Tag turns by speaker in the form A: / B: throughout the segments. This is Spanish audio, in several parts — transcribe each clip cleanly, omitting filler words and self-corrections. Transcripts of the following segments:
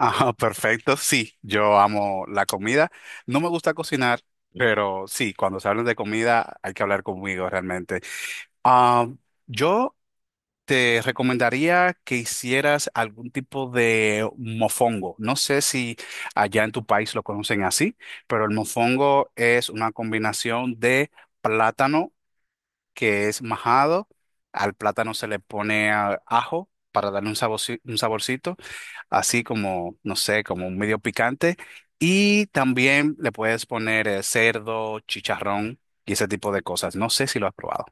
A: Ajá, perfecto. Sí, yo amo la comida. No me gusta cocinar, pero sí, cuando se habla de comida hay que hablar conmigo realmente. Ah, yo te recomendaría que hicieras algún tipo de mofongo. No sé si allá en tu país lo conocen así, pero el mofongo es una combinación de plátano que es majado. Al plátano se le pone ajo para darle un un saborcito así como, no sé, como un medio picante. Y también le puedes poner cerdo, chicharrón y ese tipo de cosas. No sé si lo has probado.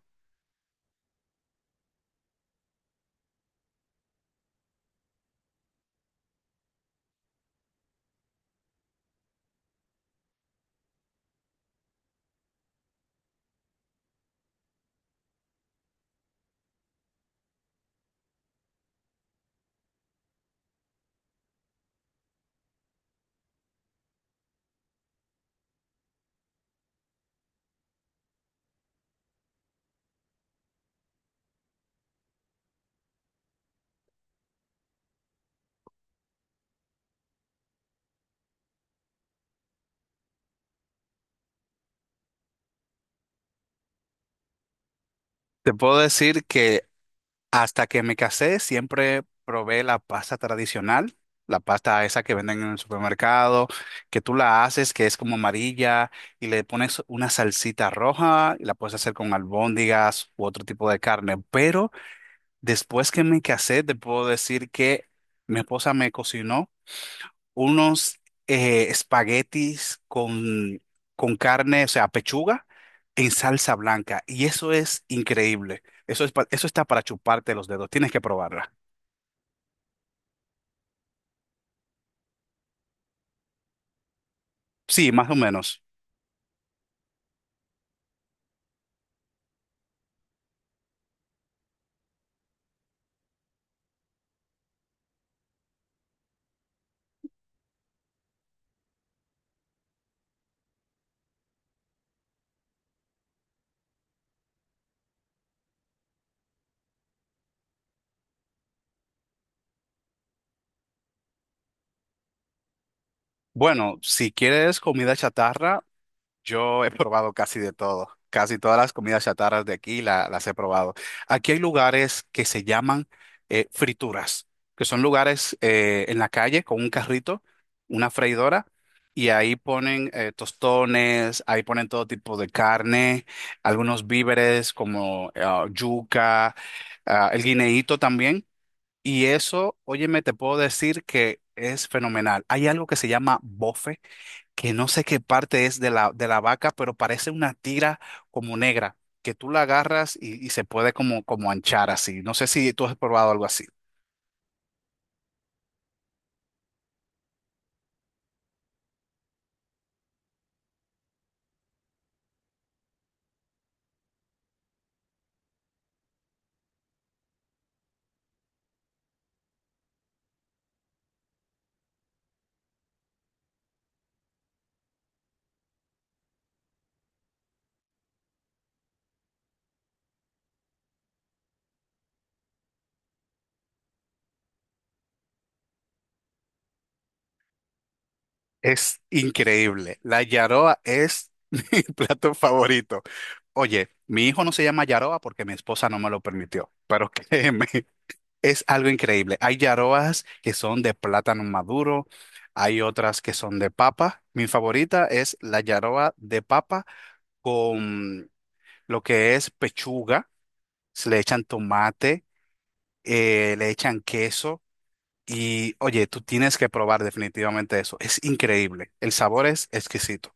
A: Te puedo decir que hasta que me casé siempre probé la pasta tradicional, la pasta esa que venden en el supermercado, que tú la haces, que es como amarilla y le pones una salsita roja y la puedes hacer con albóndigas u otro tipo de carne. Pero después que me casé, te puedo decir que mi esposa me cocinó unos espaguetis con carne, o sea, pechuga en salsa blanca. Y eso es increíble. Eso está para chuparte los dedos. Tienes que probarla. Sí, más o menos. Bueno, si quieres comida chatarra, yo he probado casi de todo, casi todas las comidas chatarras de aquí las he probado. Aquí hay lugares que se llaman frituras, que son lugares en la calle con un carrito, una freidora, y ahí ponen tostones, ahí ponen todo tipo de carne, algunos víveres como yuca, el guineíto también. Y eso, óyeme, te puedo decir que es fenomenal. Hay algo que se llama bofe, que no sé qué parte es de de la vaca, pero parece una tira como negra, que tú la agarras y se puede como, como anchar así. No sé si tú has probado algo así. Es increíble. La yaroa es mi plato favorito. Oye, mi hijo no se llama yaroa porque mi esposa no me lo permitió, pero créeme, es algo increíble. Hay yarobas que son de plátano maduro, hay otras que son de papa. Mi favorita es la yaroba de papa con lo que es pechuga. Se le echan tomate, le echan queso y oye, tú tienes que probar definitivamente eso. Es increíble. El sabor es exquisito.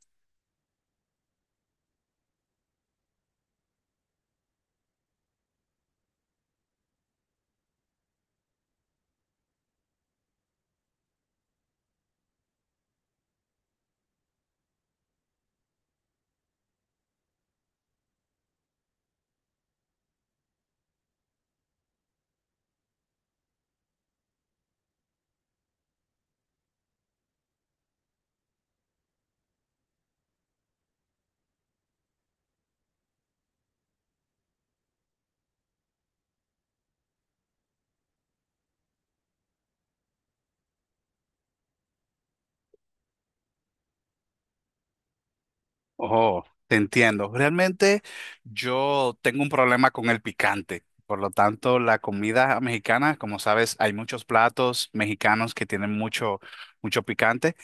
A: Oh, te entiendo. Realmente yo tengo un problema con el picante. Por lo tanto, la comida mexicana, como sabes, hay muchos platos mexicanos que tienen mucho picante.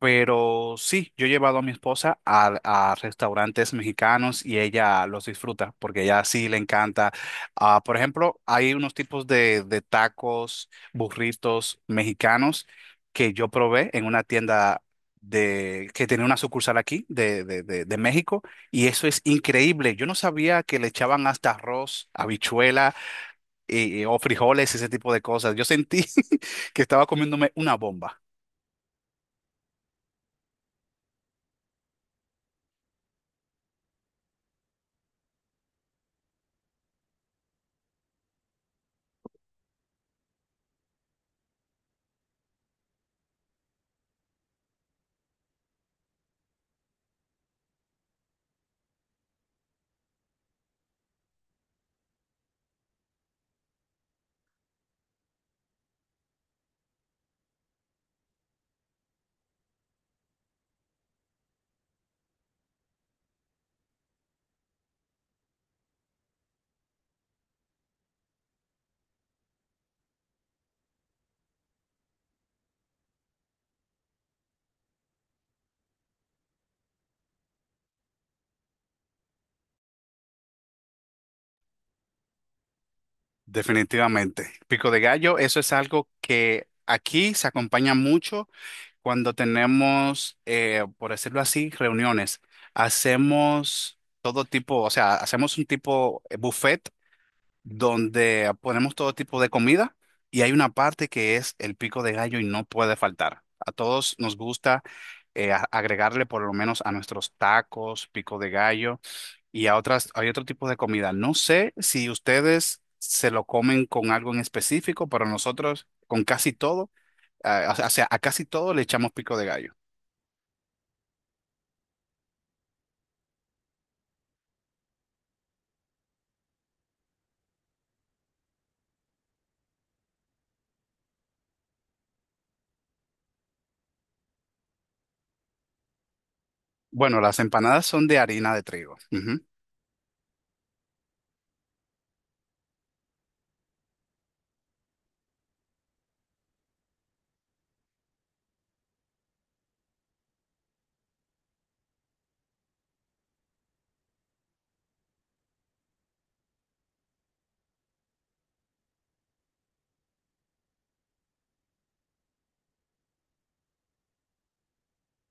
A: Pero sí, yo he llevado a mi esposa a restaurantes mexicanos y ella los disfruta porque ella sí le encanta. Por ejemplo, hay unos tipos de tacos, burritos mexicanos que yo probé en una tienda que tenía una sucursal aquí de México y eso es increíble. Yo no sabía que le echaban hasta arroz, habichuela y, o frijoles, ese tipo de cosas. Yo sentí que estaba comiéndome una bomba. Definitivamente. Pico de gallo, eso es algo que aquí se acompaña mucho cuando tenemos, por decirlo así, reuniones. Hacemos todo tipo, o sea, hacemos un tipo buffet donde ponemos todo tipo de comida y hay una parte que es el pico de gallo y no puede faltar. A todos nos gusta agregarle por lo menos a nuestros tacos, pico de gallo y a otras, hay otro tipo de comida. No sé si ustedes se lo comen con algo en específico, pero nosotros con casi todo, ah, o sea, a casi todo le echamos pico de gallo. Bueno, las empanadas son de harina de trigo. Ujú.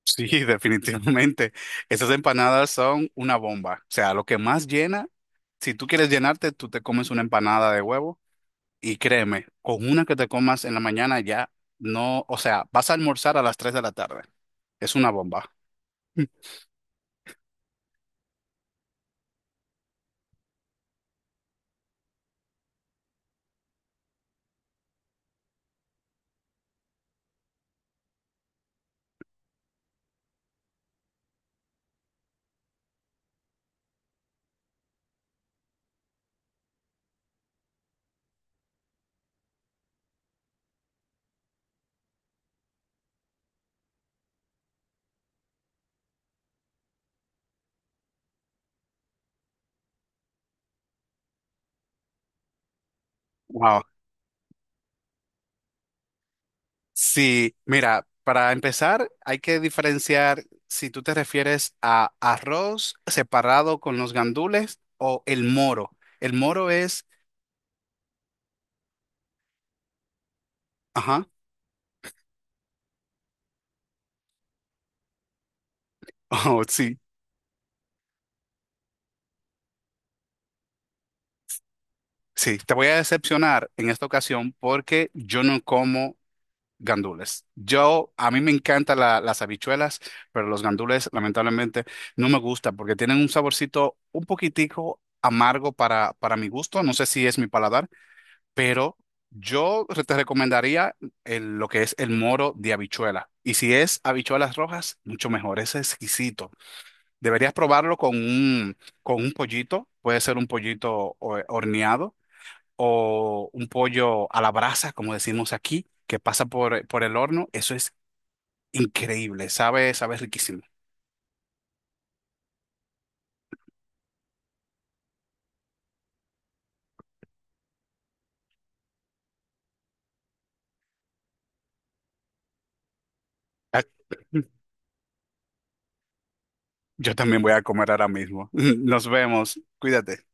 A: Sí, definitivamente. Esas empanadas son una bomba. O sea, lo que más llena, si tú quieres llenarte, tú te comes una empanada de huevo y créeme, con una que te comas en la mañana ya no, o sea, vas a almorzar a las 3 de la tarde. Es una bomba. Wow. Sí, mira, para empezar hay que diferenciar si tú te refieres a arroz separado con los gandules o el moro. El moro es, ajá, oh, sí, sí, te voy a decepcionar en esta ocasión porque yo no como gandules. Yo, a mí me encantan las habichuelas, pero los gandules lamentablemente no me gustan porque tienen un saborcito un poquitico amargo para mi gusto, no sé si es mi paladar, pero yo te recomendaría lo que es el moro de habichuela. Y si es habichuelas rojas, mucho mejor, es exquisito. Deberías probarlo con con un pollito, puede ser un pollito horneado o un pollo a la brasa, como decimos aquí, que pasa por el horno. Eso es increíble, sabe, sabe riquísimo. Ah, yo también voy a comer ahora mismo. Nos vemos, cuídate.